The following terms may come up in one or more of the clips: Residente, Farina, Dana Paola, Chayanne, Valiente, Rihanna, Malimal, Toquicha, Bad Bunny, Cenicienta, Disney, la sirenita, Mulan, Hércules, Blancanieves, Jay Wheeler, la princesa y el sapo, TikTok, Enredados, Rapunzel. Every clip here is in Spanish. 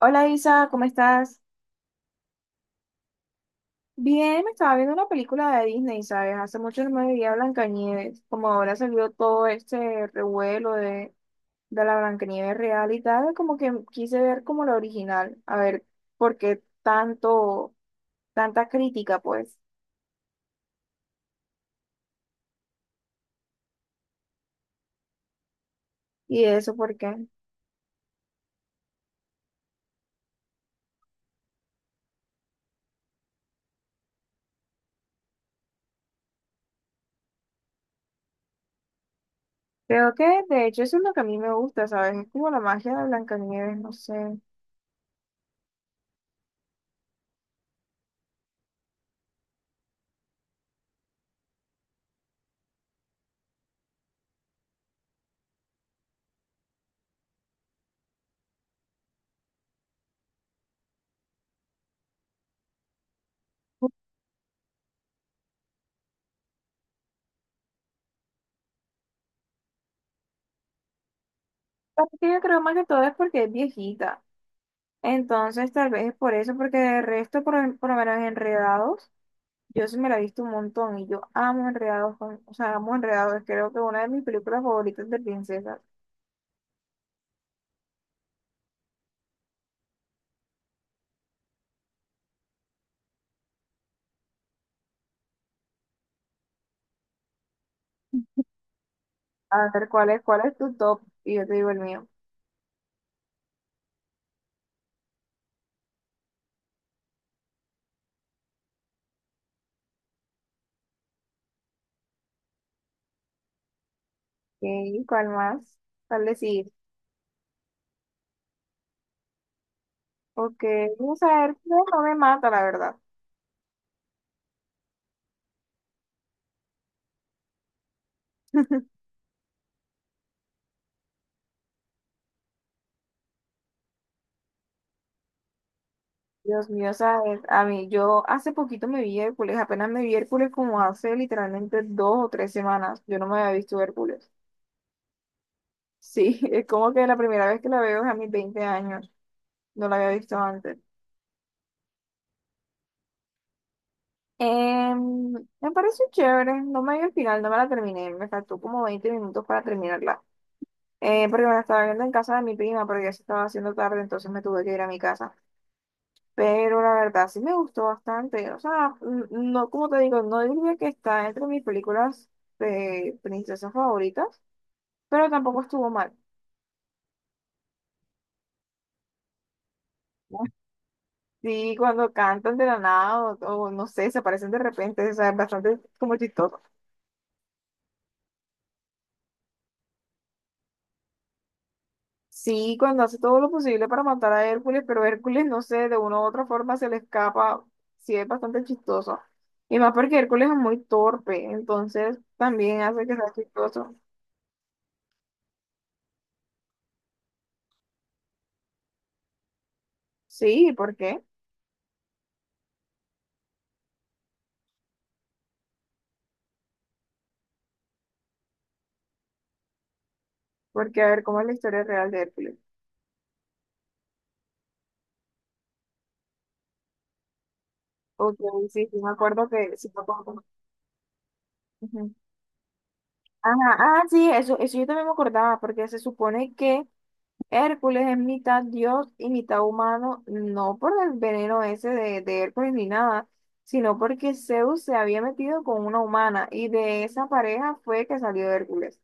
Hola Isa, ¿cómo estás? Bien, me estaba viendo una película de Disney, ¿sabes? Hace mucho no me veía Blancanieves. Como ahora salió todo este revuelo de, la Blancanieves real y tal, como que quise ver como la original, a ver por qué tanto, tanta crítica, pues. ¿Y eso por qué? Creo que de hecho eso es lo que a mí me gusta, ¿sabes? Es como la magia de Blancanieves, no sé. Aparte que yo creo más que todo es porque es viejita. Entonces, tal vez es por eso, porque de resto, por lo menos Enredados, yo sí me la he visto un montón y yo amo Enredados, o sea, amo Enredados, creo que una de mis películas favoritas de princesas. A ver, cuál es tu top? Y yo te digo el mío. Ok, ¿cuál más? ¿Cuál decir? Ok, vamos a ver, no, no me mata, la verdad. Dios mío, sabes, a mí, yo hace poquito me vi Hércules, apenas me vi Hércules como hace literalmente dos o tres semanas, yo no me había visto Hércules. Sí, es como que la primera vez que la veo es a mis 20 años. No la había visto antes. Em, Me pareció chévere. No me vi el final, no me la terminé. Me faltó como 20 minutos para terminarla. Porque me la estaba viendo en casa de mi prima, pero ya se estaba haciendo tarde, entonces me tuve que ir a mi casa. Pero la verdad sí me gustó bastante. O sea, no, como te digo, no diría que está entre mis películas de princesas favoritas, pero tampoco estuvo mal. Sí, cuando cantan de la nada o no sé, se aparecen de repente, o sea, es bastante como chistoso. Sí, cuando hace todo lo posible para matar a Hércules, pero Hércules, no sé, de una u otra forma se le escapa, sí es bastante chistoso. Y más porque Hércules es muy torpe, entonces también hace que sea chistoso. Sí, ¿por qué? Porque a ver, ¿cómo es la historia real de Hércules? Ok, sí, sí, me acuerdo que sí me acuerdo. Ujú. Ajá, ah, sí, eso yo también me acordaba, porque se supone que Hércules es mitad dios y mitad humano, no por el veneno ese de Hércules ni nada, sino porque Zeus se había metido con una humana y de esa pareja fue que salió Hércules.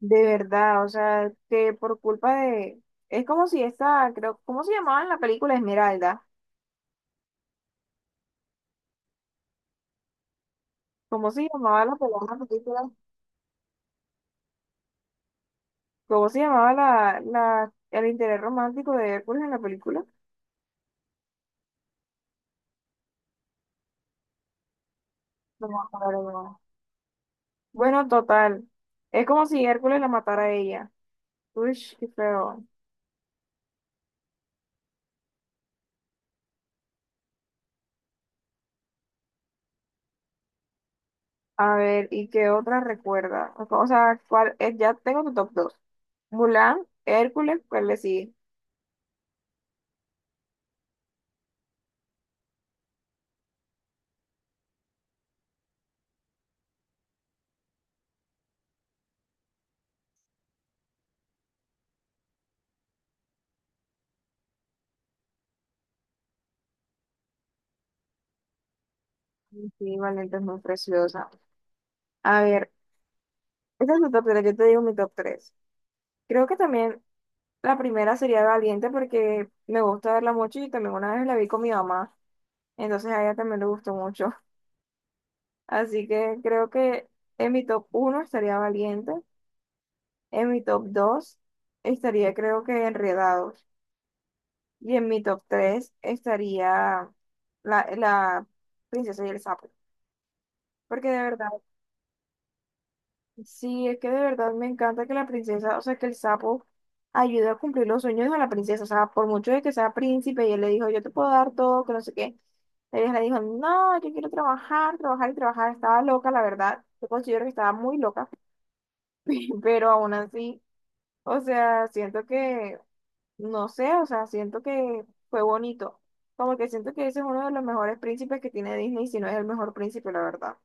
De verdad, o sea, que por culpa de. Es como si esta, creo, ¿cómo se llamaba en la película Esmeralda? ¿Cómo se llamaba la película? ¿Cómo se llamaba el interés romántico de Hércules en la película? No me acuerdo. No. Bueno, total. Es como si Hércules la matara a ella. Uy, qué feo. A ver, ¿y qué otra recuerda? O sea, ¿cuál es? Ya tengo tu top 2. Mulan, Hércules, ¿cuál le sigue? Sí, Valiente es muy preciosa. A ver, este es mi top 3. Yo te digo mi top 3. Creo que también la primera sería Valiente porque me gusta verla mucho y también una vez la vi con mi mamá, entonces a ella también le gustó mucho. Así que creo que en mi top uno estaría Valiente, en mi top 2 estaría creo que Enredados. Y en mi top 3 estaría la princesa y el sapo. Porque de verdad, sí, es que de verdad me encanta que la princesa, o sea, que el sapo ayude a cumplir los sueños de la princesa. O sea, por mucho de que sea príncipe y él le dijo, yo te puedo dar todo, que no sé qué. Ella le dijo, no, yo quiero trabajar, trabajar y trabajar. Estaba loca, la verdad. Yo considero que estaba muy loca, pero aún así, o sea, siento que no sé, o sea, siento que fue bonito. Como que siento que ese es uno de los mejores príncipes que tiene Disney, si no es el mejor príncipe, la verdad.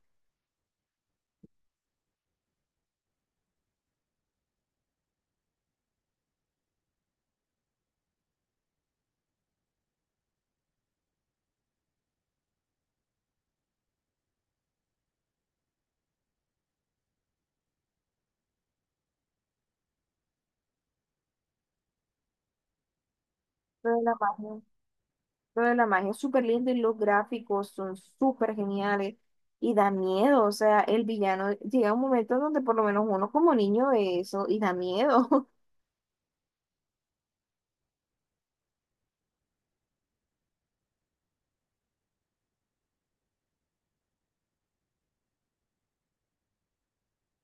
Lo de la magia. Lo de la magia es súper lindo y los gráficos son súper geniales y da miedo. O sea, el villano llega un momento donde por lo menos uno como niño ve eso y da miedo.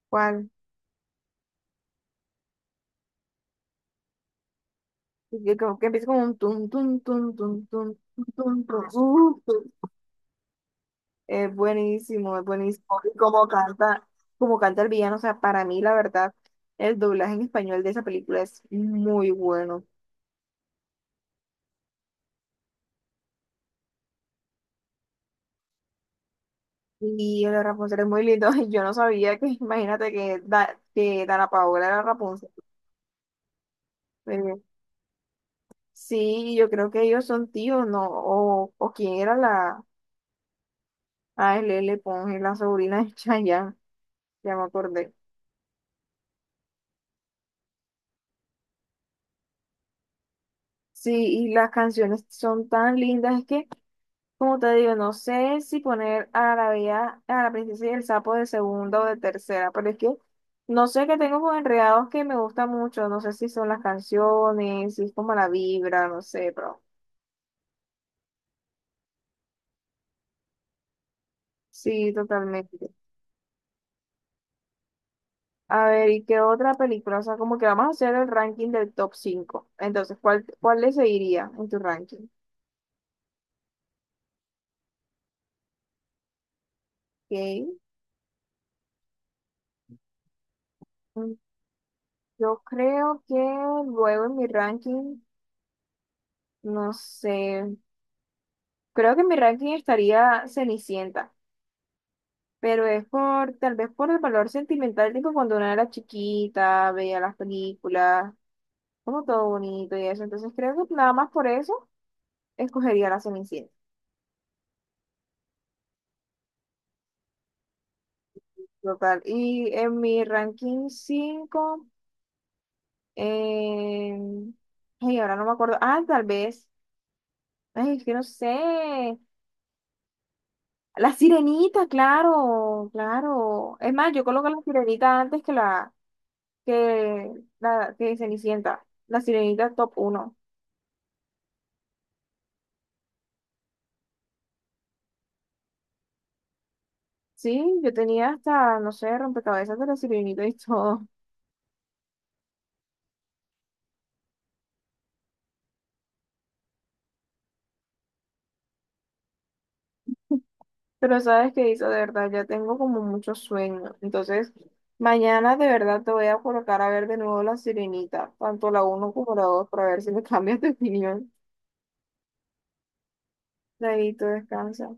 ¿Cuál? Que, como que empieza como un tum, tum, tum, tum, tum, tum, tum, tum, tum. Es buenísimo, es buenísimo. Y como canta el villano, o sea, para mí la verdad, el doblaje en español de esa película es muy bueno. Y el de Rapunzel es muy lindo. Yo no sabía que, imagínate que, que Dana Paola era Rapunzel. Eh, sí, yo creo que ellos son tíos, ¿no? O quién era la ALL Ponge, la sobrina de Chayanne, ya me acordé. Sí, y las canciones son tan lindas, es que, como te digo, no sé si poner a la bella, a la princesa y el sapo de segunda o de tercera, pero es que no sé qué tengo con Enredados que me gusta mucho, no sé si son las canciones, si es como la vibra, no sé, pero sí, totalmente. A ver, ¿y qué otra película? O sea, como que vamos a hacer el ranking del top cinco. Entonces, ¿cuál, cuál le seguiría en tu ranking? Ok. Mm, yo creo que luego en mi ranking, no sé, creo que en mi ranking estaría Cenicienta, pero es por, tal vez por el valor sentimental, tipo cuando una era chiquita, veía las películas, como todo bonito y eso. Entonces, creo que nada más por eso escogería la Cenicienta. Total. Y en mi ranking cinco, Eh, ay, ahora no me acuerdo. Ah, tal vez. Ay, es que no sé. La sirenita, claro, claro. Es más, yo coloco la sirenita antes que la que la que Cenicienta. La sirenita top uno. Sí, yo tenía hasta, no sé, rompecabezas de la sirenita y todo. Pero sabes qué hizo, de verdad, ya tengo como mucho sueño. Entonces, mañana de verdad te voy a colocar a ver de nuevo la sirenita, tanto la uno como la 2, para ver si me cambias de opinión. David, tú descansa.